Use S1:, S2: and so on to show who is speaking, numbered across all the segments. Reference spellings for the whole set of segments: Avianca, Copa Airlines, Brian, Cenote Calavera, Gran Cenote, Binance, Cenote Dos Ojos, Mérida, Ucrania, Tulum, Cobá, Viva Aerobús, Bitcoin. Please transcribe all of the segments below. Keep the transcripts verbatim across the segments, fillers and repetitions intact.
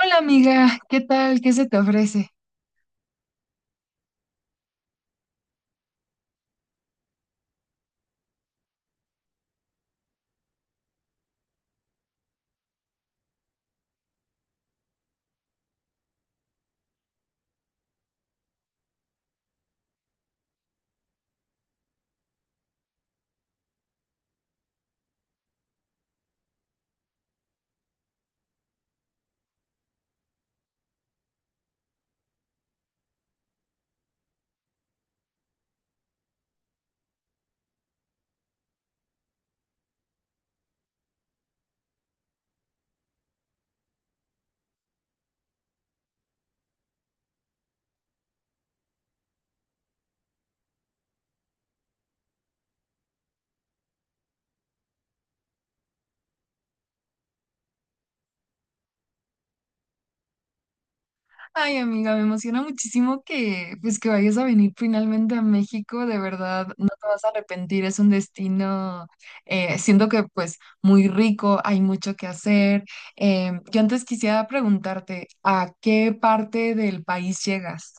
S1: Hola amiga, ¿qué tal? ¿Qué se te ofrece? Ay amiga, me emociona muchísimo que pues que vayas a venir finalmente a México, de verdad, no te vas a arrepentir, es un destino, eh, siento que pues muy rico, hay mucho que hacer. Eh, yo antes quisiera preguntarte, ¿a qué parte del país llegas?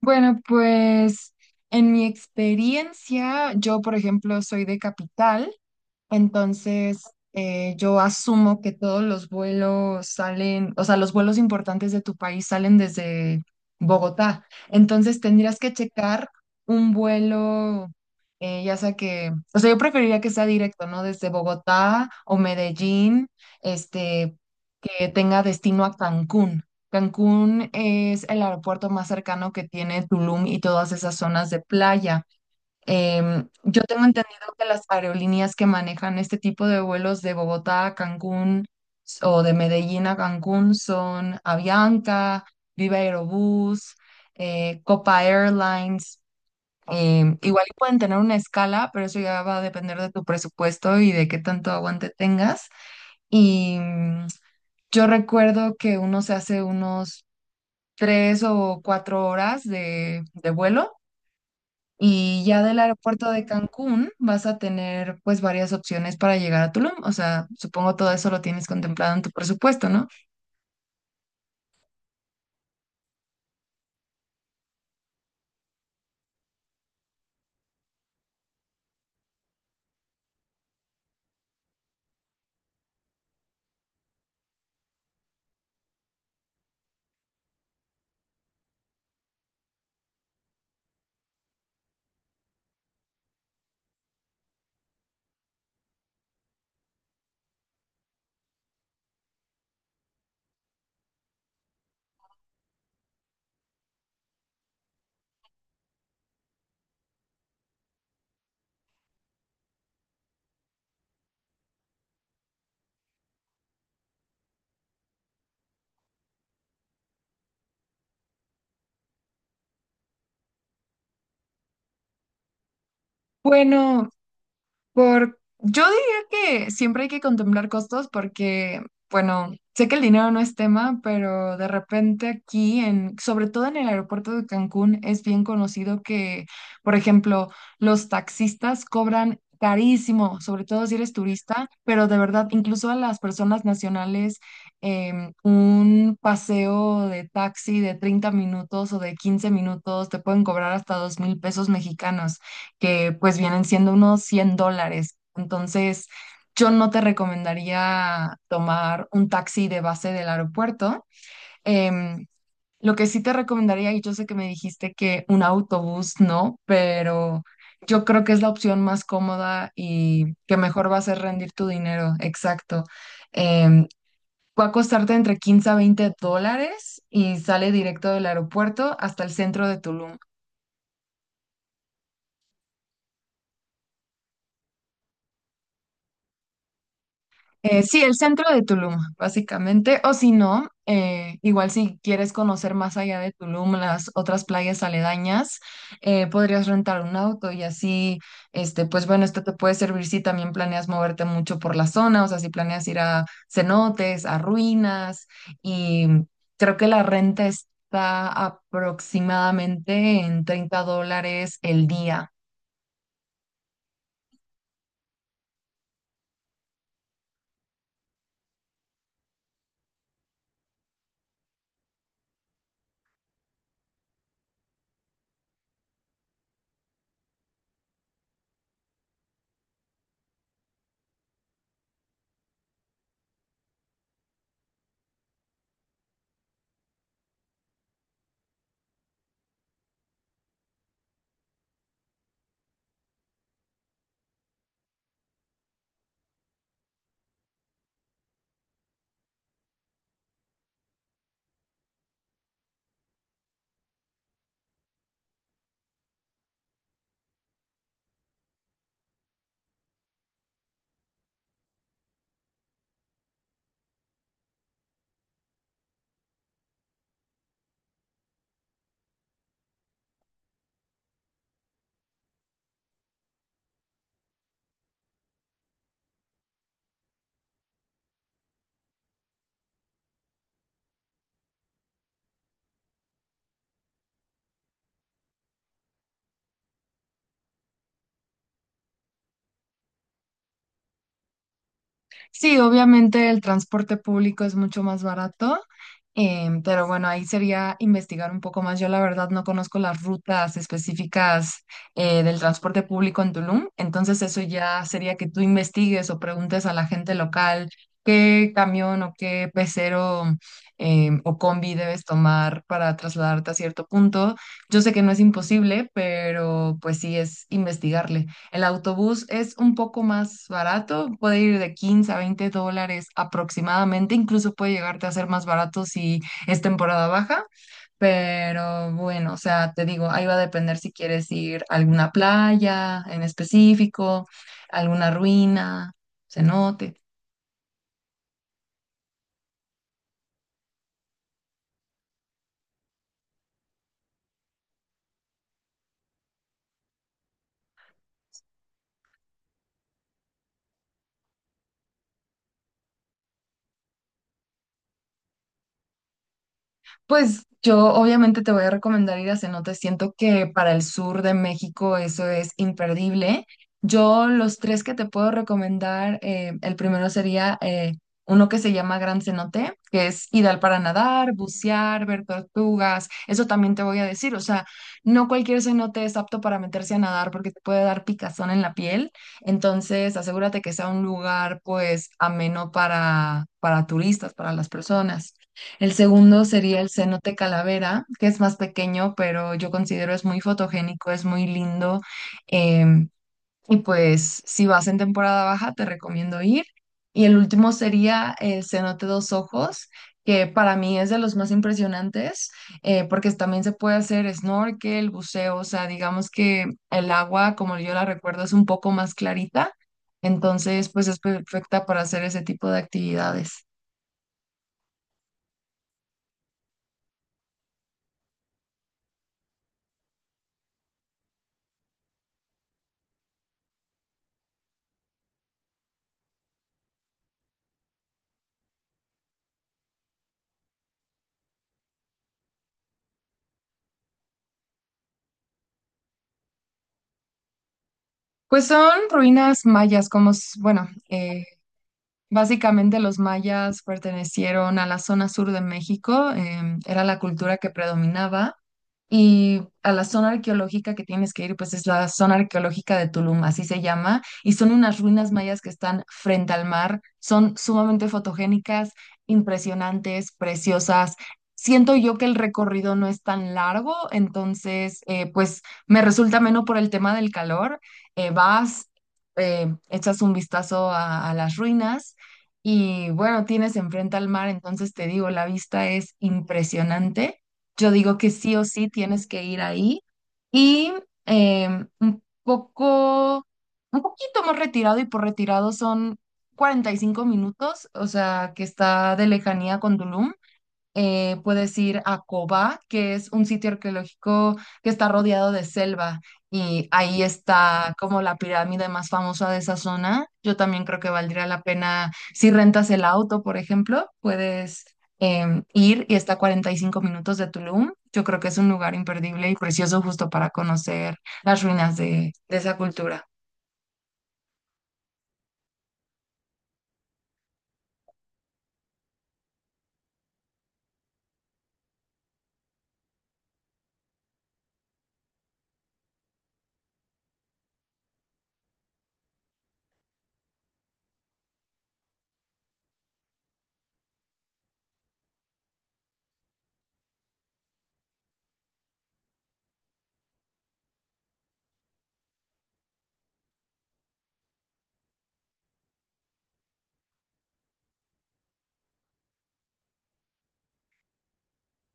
S1: Bueno, pues en mi experiencia, yo por ejemplo soy de Capital. Entonces, eh, yo asumo que todos los vuelos salen, o sea, los vuelos importantes de tu país salen desde Bogotá. Entonces, tendrías que checar un vuelo, eh, ya sea que, o sea, yo preferiría que sea directo, ¿no? Desde Bogotá o Medellín, este, que tenga destino a Cancún. Cancún es el aeropuerto más cercano que tiene Tulum y todas esas zonas de playa. Em, yo tengo entendido que las aerolíneas que manejan este tipo de vuelos de Bogotá a Cancún s- o de Medellín a Cancún son Avianca, Viva Aerobús, eh, Copa Airlines. Em, igual y pueden tener una escala, pero eso ya va a depender de tu presupuesto y de qué tanto aguante tengas. Y mm, yo recuerdo que uno se hace unos tres o cuatro horas de de vuelo y ya del aeropuerto de Cancún vas a tener pues varias opciones para llegar a Tulum. O sea, supongo todo eso lo tienes contemplado en tu presupuesto, ¿no? Bueno, Por, yo diría que siempre hay que contemplar costos porque, bueno, sé que el dinero no es tema, pero de repente aquí, en, sobre todo en el aeropuerto de Cancún, es bien conocido que, por ejemplo, los taxistas cobran carísimo, sobre todo si eres turista, pero de verdad, incluso a las personas nacionales, em, un paseo de taxi de treinta minutos o de quince minutos te pueden cobrar hasta dos mil pesos mexicanos que pues vienen siendo unos cien dólares. Entonces, yo no te recomendaría tomar un taxi de base del aeropuerto. Em, lo que sí te recomendaría, y yo sé que me dijiste que un autobús no, pero yo creo que es la opción más cómoda y que mejor va a ser rendir tu dinero. Exacto. Em, Va a costarte entre quince a veinte dólares y sale directo del aeropuerto hasta el centro de Tulum. Eh, sí, el centro de Tulum, básicamente. O si no, eh, igual si quieres conocer más allá de Tulum, las otras playas aledañas, eh, podrías rentar un auto y así, este, pues bueno, esto te puede servir si también planeas moverte mucho por la zona, o sea, si planeas ir a cenotes, a ruinas, y creo que la renta está aproximadamente en treinta dólares el día. Sí, obviamente el transporte público es mucho más barato, em, pero bueno, ahí sería investigar un poco más. Yo la verdad no conozco las rutas específicas eh, del transporte público en Tulum, entonces eso ya sería que tú investigues o preguntes a la gente local qué camión o qué pecero em, o combi debes tomar para trasladarte a cierto punto. Yo sé que no es imposible, pero pues sí es investigarle. El autobús es un poco más barato, puede ir de quince a veinte dólares aproximadamente, incluso puede llegarte a ser más barato si es temporada baja, pero bueno, o sea, te digo, ahí va a depender si quieres ir a alguna playa en específico, alguna ruina, cenote. Pues yo obviamente te voy a recomendar ir a cenotes. Siento que para el sur de México eso es imperdible. Yo los tres que te puedo recomendar, eh, el primero sería eh, uno que se llama Gran Cenote, que es ideal para nadar, bucear, ver tortugas. Eso también te voy a decir. O sea, no cualquier cenote es apto para meterse a nadar porque te puede dar picazón en la piel. Entonces, asegúrate que sea un lugar pues ameno para, para turistas, para las personas. El segundo sería el cenote calavera, que es más pequeño, pero yo considero es muy fotogénico, es muy lindo. Em, y pues si vas en temporada baja, te recomiendo ir. Y el último sería el cenote dos ojos, que para mí es de los más impresionantes, eh, porque también se puede hacer snorkel, buceo, o sea, digamos que el agua, como yo la recuerdo, es un poco más clarita. Entonces, pues es perfecta para hacer ese tipo de actividades. Pues son ruinas mayas, como, s- bueno, eh, básicamente los mayas pertenecieron a la zona sur de México, em, era la cultura que predominaba. Y a la zona arqueológica que tienes que ir, pues es la zona arqueológica de Tulum, así se llama, y son unas ruinas mayas que están frente al mar, son sumamente fotogénicas, impresionantes, preciosas. Siento yo que el recorrido no es tan largo, entonces, eh, pues me resulta menos por el tema del calor. Eh, vas, eh, echas un vistazo a, a las ruinas y bueno, tienes enfrente al mar, entonces te digo, la vista es impresionante. Yo digo que sí o sí tienes que ir ahí y em, un poco, un poquito más retirado y por retirado son cuarenta y cinco minutos, o sea, que está de lejanía con Tulum. Eh, puedes ir a Cobá, que es un sitio arqueológico que está rodeado de selva y ahí está como la pirámide más famosa de esa zona. Yo también creo que valdría la pena, si rentas el auto, por ejemplo, puedes em, ir y está a cuarenta y cinco minutos de Tulum. Yo creo que es un lugar imperdible y precioso justo para conocer las ruinas de de esa cultura.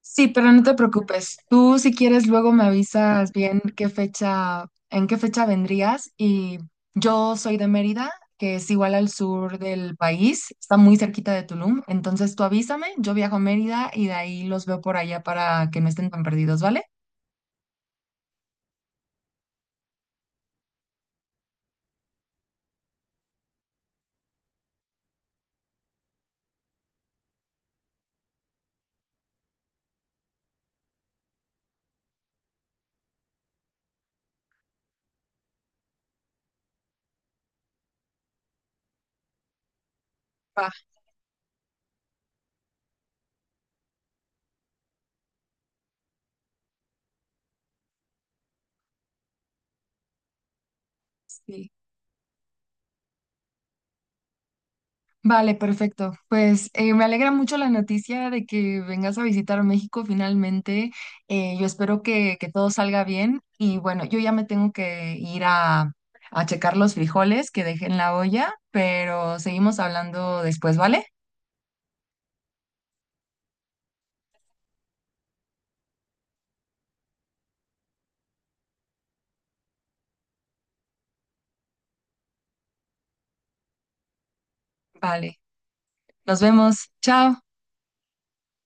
S1: Sí, pero no te preocupes. Tú, si quieres, luego me avisas bien qué fecha, en qué fecha vendrías. Y yo soy de Mérida, que es igual al sur del país, está muy cerquita de Tulum. Entonces tú avísame, yo viajo a Mérida y de ahí los veo por allá para que no estén tan perdidos, ¿vale? Va, sí. Vale, perfecto. Pues eh, me alegra mucho la noticia de que vengas a visitar México finalmente. Eh, yo espero que, que todo salga bien. Y bueno, yo ya me tengo que ir a, a checar los frijoles que dejé en la olla, pero seguimos hablando después, ¿vale? Vale. Nos vemos. Chao.